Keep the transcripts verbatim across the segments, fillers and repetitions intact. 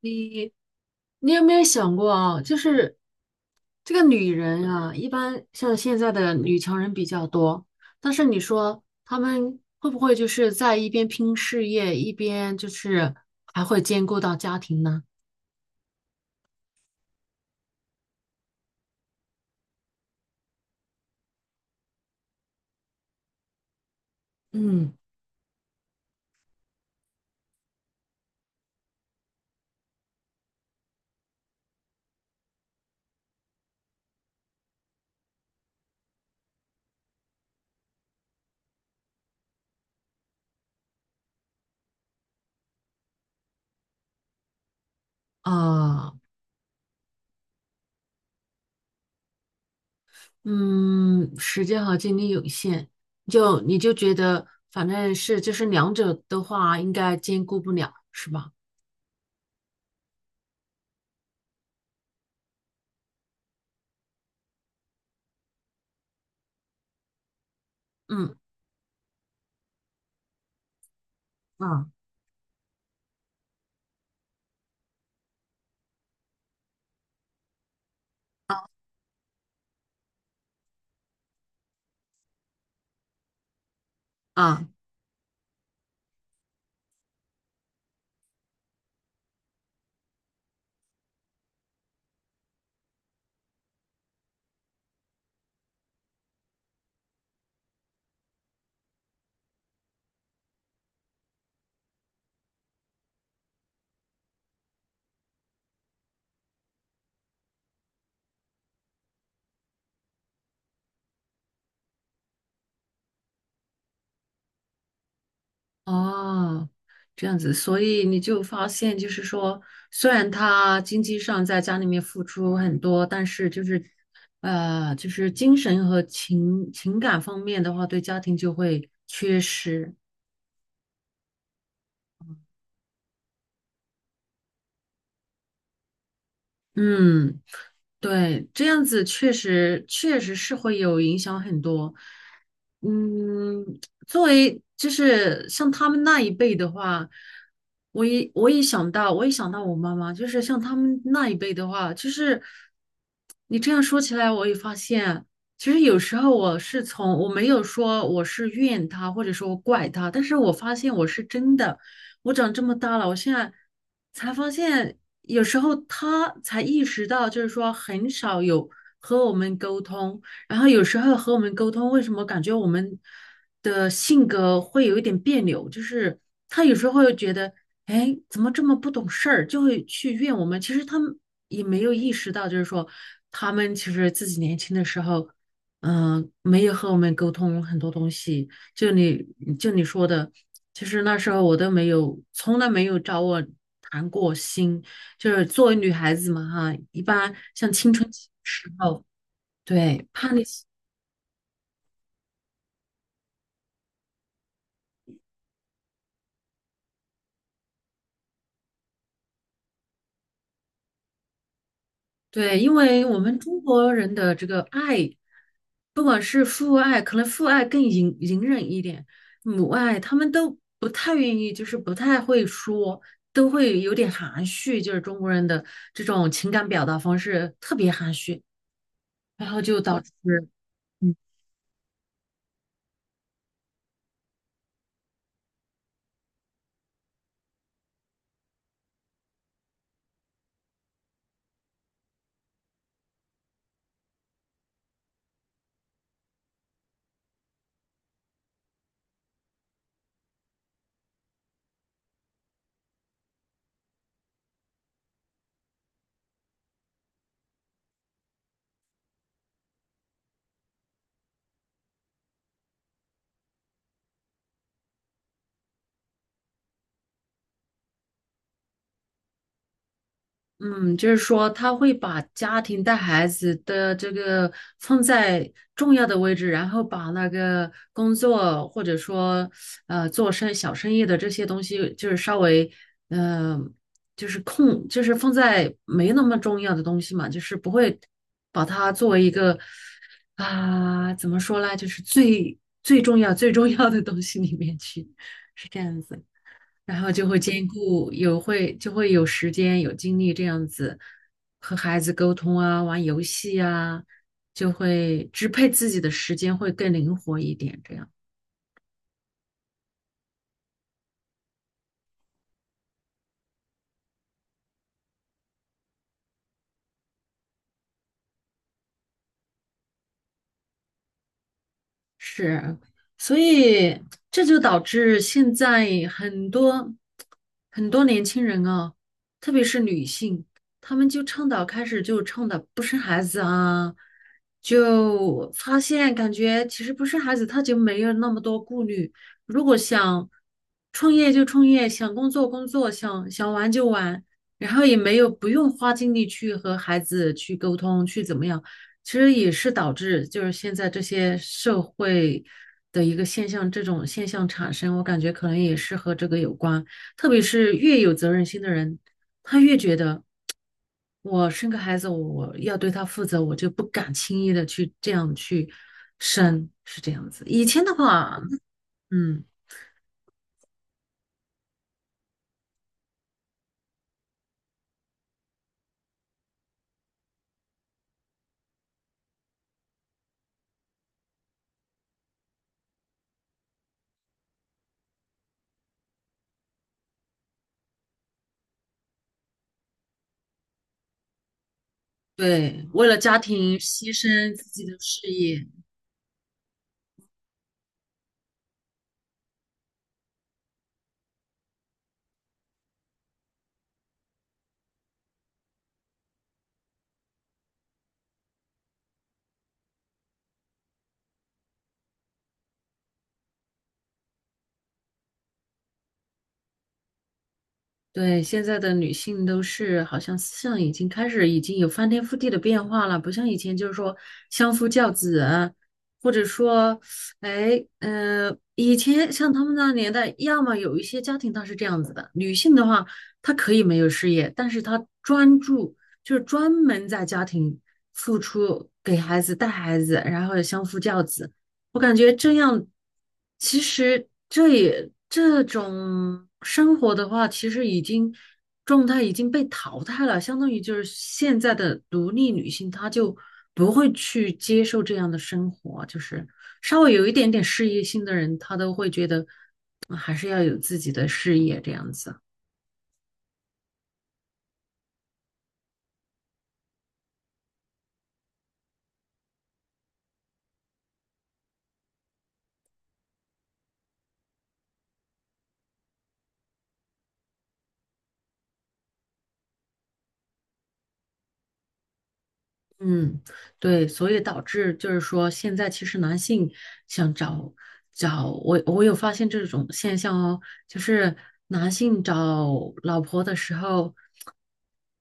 你你有没有想过啊？就是这个女人啊，一般像现在的女强人比较多，但是你说她们会不会就是在一边拼事业，一边就是还会兼顾到家庭呢？嗯。啊，嗯，时间和精力有限，就你就觉得反正是就是两者的话，应该兼顾不了，是吧？嗯。啊。啊。哦，这样子，所以你就发现，就是说，虽然他经济上在家里面付出很多，但是就是，呃，就是精神和情情感方面的话，对家庭就会缺失。嗯，对，这样子确实确实是会有影响很多。嗯，作为就是像他们那一辈的话，我一我一想到，我一想到我妈妈，就是像他们那一辈的话，就是你这样说起来，我也发现，其实有时候我是从我没有说我是怨他，或者说怪他，但是我发现我是真的。我长这么大了，我现在才发现，有时候他才意识到，就是说很少有和我们沟通，然后有时候和我们沟通，为什么感觉我们的性格会有一点别扭？就是他有时候会觉得，哎，怎么这么不懂事儿，就会去怨我们。其实他们也没有意识到，就是说他们其实自己年轻的时候。嗯、呃没有和我们沟通很多东西，就你就你说的，其实那时候我都没有，从来没有找我谈过心。就是作为女孩子嘛，哈，一般像青春期的时候，对，叛逆期，对，因为我们中国人的这个爱，不管是父爱，可能父爱更隐隐忍一点，母爱他们都不太愿意，就是不太会说，都会有点含蓄，就是中国人的这种情感表达方式特别含蓄，然后就导致。嗯。嗯，就是说他会把家庭带孩子的这个放在重要的位置，然后把那个工作或者说呃做生小生意的这些东西，就是稍微嗯、呃就是空，就是放在没那么重要的东西嘛，就是不会把它作为一个啊、怎么说呢，就是最最重要最重要的东西里面去，是这样子。然后就会兼顾有会就会有时间有精力这样子和孩子沟通啊，玩游戏啊，就会支配自己的时间会更灵活一点，这样。是，所以这就导致现在很多很多年轻人啊，特别是女性，她们就倡导开始就倡导不生孩子啊，就发现感觉其实不生孩子，她就没有那么多顾虑。如果想创业就创业，想工作工作，想想玩就玩，然后也没有不用花精力去和孩子去沟通，去怎么样。其实也是导致就是现在这些社会的一个现象，这种现象产生，我感觉可能也是和这个有关。特别是越有责任心的人，他越觉得我生个孩子，我要对他负责，我就不敢轻易的去这样去生，是这样子。以前的话，嗯，对，为了家庭牺牲自己的事业，对，现在的女性都是好像思想已经开始已经有翻天覆地的变化了，不像以前就是说相夫教子啊，或者说，哎，嗯，以前像他们那年代，要么有一些家庭它是这样子的，女性的话，她可以没有事业，但是她专注就是专门在家庭付出，给孩子带孩子，然后相夫教子。我感觉这样，其实这也这种生活的话，其实已经状态已经被淘汰了，相当于就是现在的独立女性，她就不会去接受这样的生活，就是稍微有一点点事业心的人，她都会觉得嗯还是要有自己的事业这样子。嗯，对，所以导致就是说，现在其实男性想找找我，我有发现这种现象哦，就是男性找老婆的时候，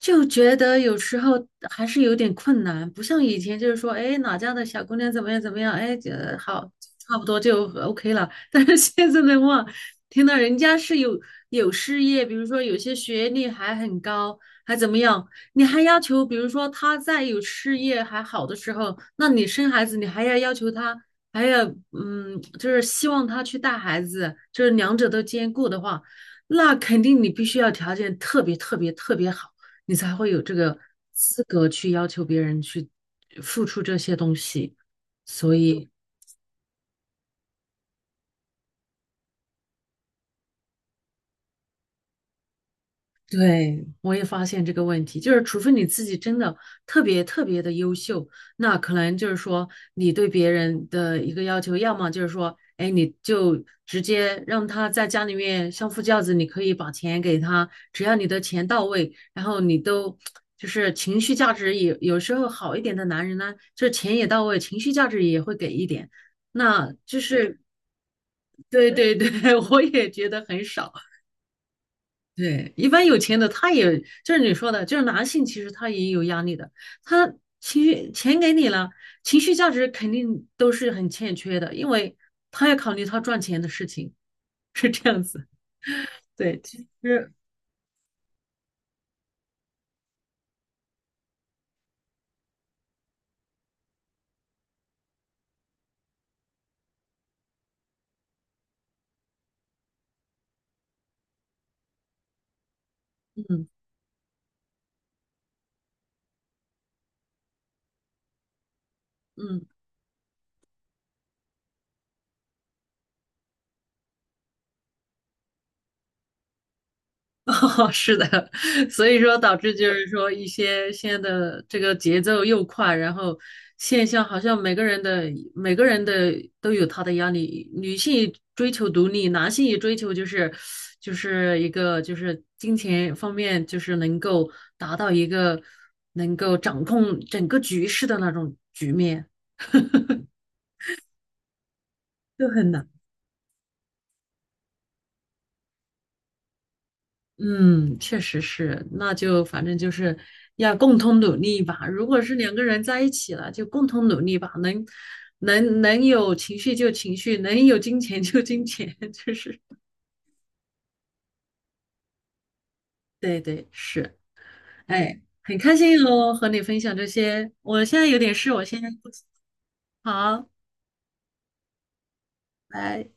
就觉得有时候还是有点困难，不像以前就是说，哎，哪家的小姑娘怎么样怎么样，哎，就好，差不多就呃 OK 了。但是现在的话，听到人家是有有事业，比如说有些学历还很高，还怎么样，你还要求，比如说他在有事业还好的时候，那你生孩子，你还要要求他还要嗯，就是希望他去带孩子，就是两者都兼顾的话，那肯定你必须要条件特别特别特别好。你才会有这个资格去要求别人去呃付出这些东西。所以，对，我也发现这个问题，就是除非你自己真的特别特别的优秀，那可能就是说你对别人的一个要求，要么就是说，哎，你就直接让他在家里面相夫教子，你可以把钱给他，只要你的钱到位，然后你都就是情绪价值也有时候好一点的男人呢，就是钱也到位，情绪价值也会给一点，那就是对对对，我也觉得很少。对，一般有钱的他也就是你说的，就是男性，其实他也有压力的。他情绪钱给你了，情绪价值肯定都是很欠缺的，因为他要考虑他赚钱的事情，是这样子。对，其实，嗯。嗯。哦，是的，所以说导致就是说一些现在的这个节奏又快，然后现象好像每个人的每个人的都有他的压力，女性追求独立，男性也追求就是就是一个就是金钱方面就是能够达到一个能够掌控整个局势的那种局面，就很难。嗯，确实是，那就反正就是要共同努力吧。如果是两个人在一起了，就共同努力吧，能能能有情绪就情绪，能有金钱就金钱，就是对对是，哎，很开心哦，和你分享这些。我现在有点事，我先好，拜。